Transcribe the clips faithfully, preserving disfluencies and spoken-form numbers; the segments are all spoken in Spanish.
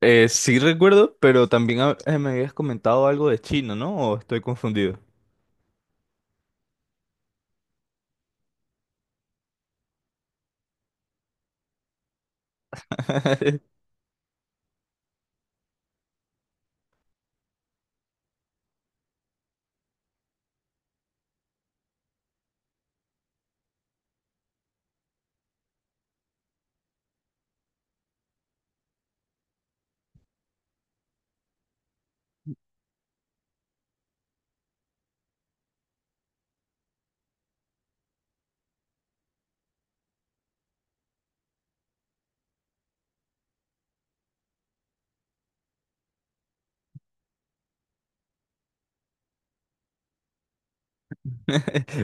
Eh, sí recuerdo, pero también ha- eh, me habías comentado algo de chino, ¿no? ¿O estoy confundido?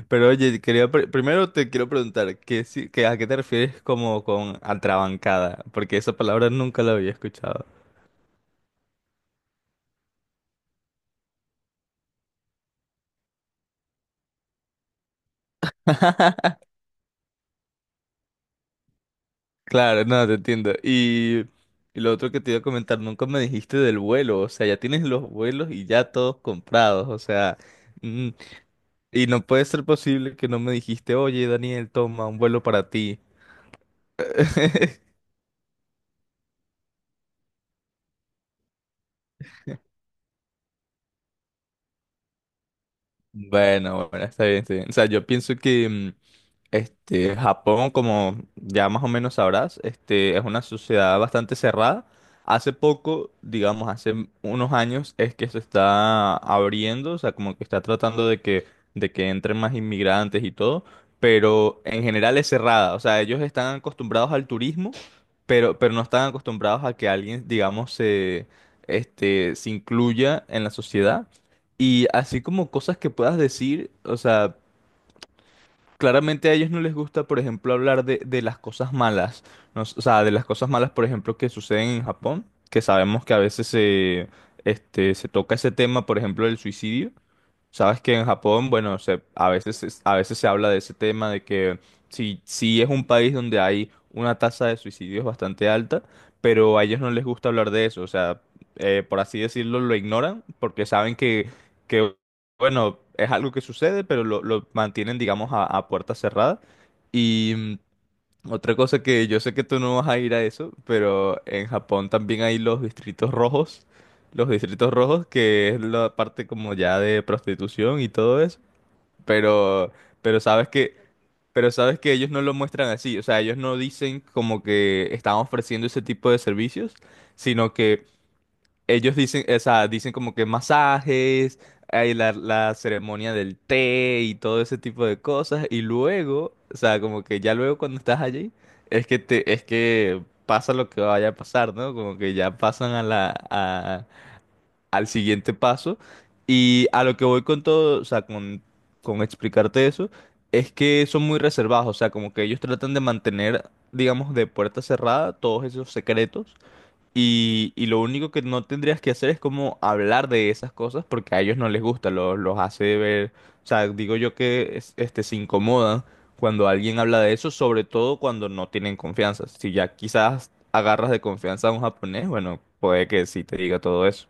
Pero oye, quería pre- primero te quiero preguntar, ¿qué, si- qué- ¿a qué te refieres como con atrabancada? Porque esa palabra nunca la había escuchado. Claro, no, te entiendo. Y, y lo otro que te iba a comentar, nunca me dijiste del vuelo, o sea, ya tienes los vuelos y ya todos comprados, o sea, mm, y no puede ser posible que no me dijiste, oye, Daniel, toma un vuelo para ti. Bueno, bueno, está bien, está bien. O sea, yo pienso que mm, este, Japón, como ya más o menos sabrás, este, es una sociedad bastante cerrada. Hace poco, digamos, hace unos años, es que se está abriendo, o sea, como que está tratando de que, de que entren más inmigrantes y todo, pero en general es cerrada. O sea, ellos están acostumbrados al turismo, pero, pero no están acostumbrados a que alguien, digamos, se, este, se incluya en la sociedad y así como cosas que puedas decir, o sea, claramente a ellos no les gusta, por ejemplo, hablar de, de las cosas malas, ¿no? O sea, de las cosas malas, por ejemplo, que suceden en Japón, que sabemos que a veces se, este, se toca ese tema, por ejemplo, del suicidio. Sabes que en Japón, bueno, se, a veces, es- a veces se habla de ese tema de que sí, sí es un país donde hay una tasa de suicidios bastante alta, pero a ellos no les gusta hablar de eso, o sea, eh, por así decirlo, lo ignoran porque saben que, que bueno, es algo que sucede, pero lo, lo mantienen, digamos, a, a puerta cerrada. Y mm, otra cosa que yo sé que tú no vas a ir a eso, pero en Japón también hay los distritos rojos, los distritos rojos, que es la parte como ya de prostitución y todo eso. Pero, pero sabes que, pero sabes que ellos no lo muestran así, o sea, ellos no dicen como que están ofreciendo ese tipo de servicios, sino que ellos dicen, o sea, dicen como que masajes, hay la, la ceremonia del té y todo ese tipo de cosas. Y luego, o sea, como que ya luego cuando estás allí, es que te, es que pasa lo que vaya a pasar, ¿no? Como que ya pasan a la, a- al siguiente paso. Y a lo que voy con todo, o sea, con, con explicarte eso, es que son muy reservados, o sea, como que ellos tratan de mantener, digamos, de puerta cerrada todos esos secretos y, y lo único que no tendrías que hacer es como hablar de esas cosas porque a ellos no les gusta, lo- los hace ver, o sea, digo yo que es- este, se incomodan cuando alguien habla de eso, sobre todo cuando no tienen confianza. Si ya quizás agarras de confianza a un japonés, bueno, puede que sí te diga todo eso.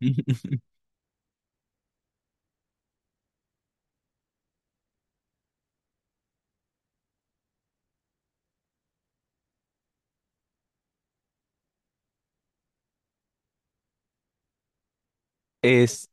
Es,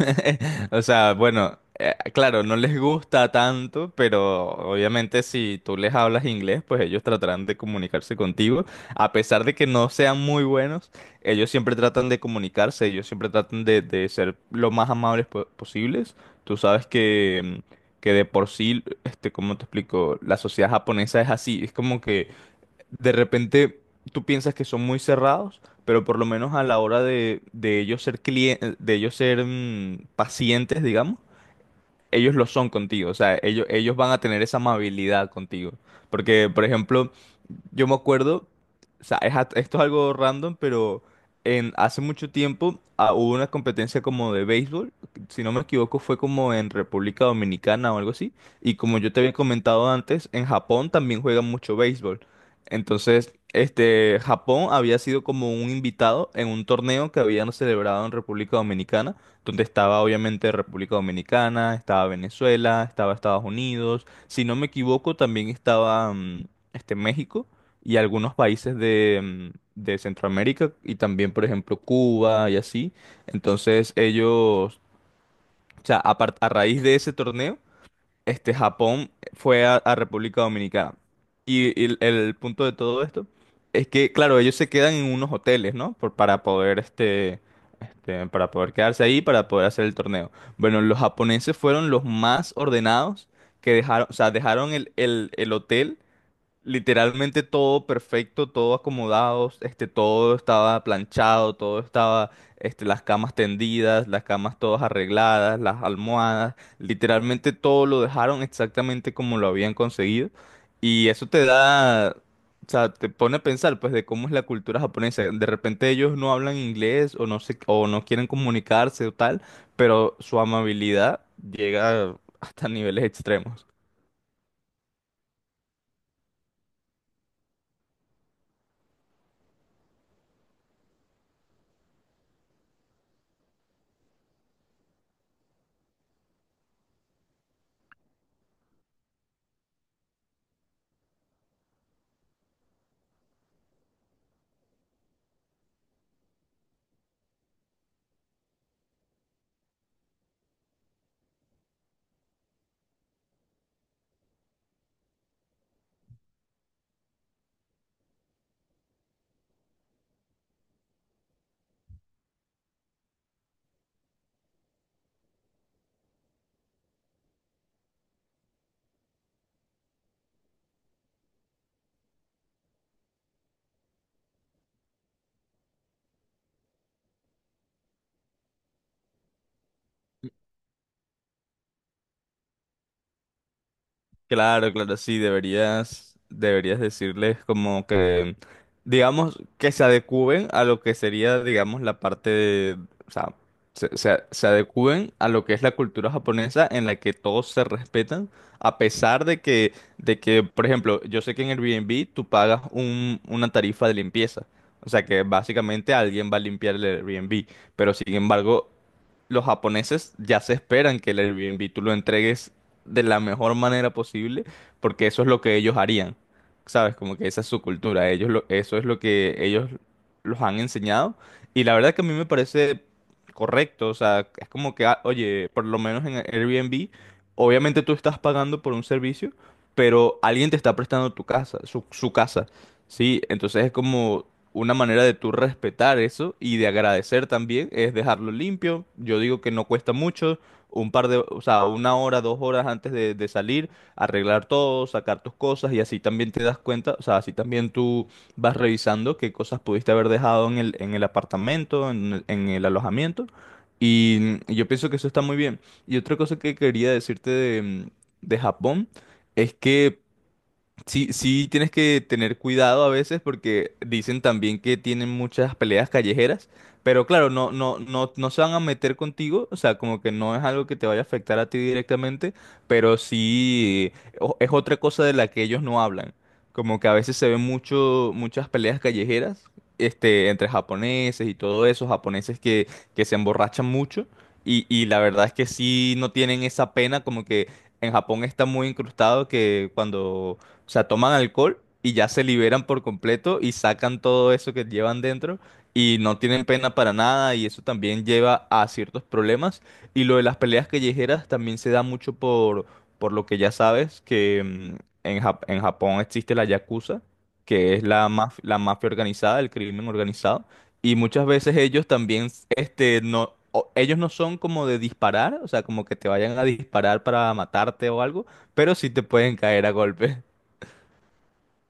O sea, bueno, eh, claro, no les gusta tanto, pero obviamente si tú les hablas inglés, pues ellos tratarán de comunicarse contigo. A pesar de que no sean muy buenos, ellos siempre tratan de comunicarse, ellos siempre tratan de, de ser lo más amables po- posibles Tú sabes que, mm, que de por sí, este, ¿cómo te explico? La sociedad japonesa es así, es como que de repente tú piensas que son muy cerrados, pero por lo menos a la hora de, de ellos ser clien- de ellos ser mm, pacientes, digamos, ellos lo son contigo, o sea, ellos, ellos van a tener esa amabilidad contigo. Porque, por ejemplo, yo me acuerdo, o sea, es a- esto es algo random, pero en, hace mucho tiempo ah, hubo una competencia como de béisbol, si no me equivoco fue como en República Dominicana o algo así, y como yo te había comentado antes, en Japón también juegan mucho béisbol. Entonces, este, Japón había sido como un invitado en un torneo que habían celebrado en República Dominicana donde estaba obviamente República Dominicana, estaba Venezuela, estaba Estados Unidos, si no me equivoco también estaba mm, este México y algunos países de, mm, de Centroamérica y también por ejemplo Cuba y así. Entonces ellos, o sea, apar- a raíz de ese torneo este, Japón fue a, a República Dominicana. Y, y el, el punto de todo esto es que, claro, ellos se quedan en unos hoteles, ¿no? Por- para poder, este, este, para poder quedarse ahí, para poder hacer el torneo. Bueno, los japoneses fueron los más ordenados que dejaron, o sea, dejaron el, el, el hotel literalmente todo perfecto, todo acomodado, este, todo estaba planchado, todo estaba, este, las camas tendidas, las camas todas arregladas, las almohadas, literalmente todo lo dejaron exactamente como lo habían conseguido. Y eso te da, o sea, te pone a pensar, pues, de cómo es la cultura japonesa. De repente ellos no hablan inglés o no sé, o no quieren comunicarse o tal, pero su amabilidad llega hasta niveles extremos. Claro, claro, sí, deberías, deberías decirles como que, digamos, que se adecúen a lo que sería, digamos, la parte de, o sea, se, se, se adecúen a lo que es la cultura japonesa en la que todos se respetan, a pesar de que, de que, por ejemplo, yo sé que en Airbnb tú pagas un, una tarifa de limpieza, o sea que básicamente alguien va a limpiar el Airbnb, pero sin embargo los japoneses ya se esperan que el Airbnb tú lo entregues de la mejor manera posible, porque eso es lo que ellos harían, ¿sabes? Como que esa es su cultura, ellos lo- eso es lo que ellos los han enseñado, y la verdad que a mí me parece correcto, o sea, es como que, ah, oye, por lo menos en Airbnb, obviamente tú estás pagando por un servicio, pero alguien te está prestando tu casa, su, su casa, ¿sí? Entonces es como... Una manera de tú respetar eso y de agradecer también es dejarlo limpio. Yo digo que no cuesta mucho, un par de, o sea, una hora, dos horas antes de, de salir, arreglar todo, sacar tus cosas y así también te das cuenta, o sea, así también tú vas revisando qué cosas pudiste haber dejado en el, en el apartamento, en, en el alojamiento. Y mm, yo pienso que eso está muy bien. Y otra cosa que quería decirte de, mm, de Japón es que sí, sí, tienes que tener cuidado a veces porque dicen también que tienen muchas peleas callejeras, pero claro, no, no, no, no se van a meter contigo, o sea, como que no es algo que te vaya a afectar a ti directamente, pero sí o- es otra cosa de la que ellos no hablan, como que a veces se ven mucho, muchas peleas callejeras, este, entre japoneses y todo eso, japoneses que, que se emborrachan mucho y, y la verdad es que sí no tienen esa pena como que... En Japón está muy incrustado que cuando o sea, toman alcohol y ya se liberan por completo y sacan todo eso que llevan dentro y no tienen pena para nada y eso también lleva a ciertos problemas. Y lo de las peleas callejeras también se da mucho por, por lo que ya sabes, que mm, en Jap- en Japón existe la yakuza, que es la maf- la mafia organizada, el crimen organizado. Y muchas veces ellos también, este, no, o- ellos no son como de disparar, o sea, como que te vayan a disparar para matarte o algo, pero sí te pueden caer a golpes.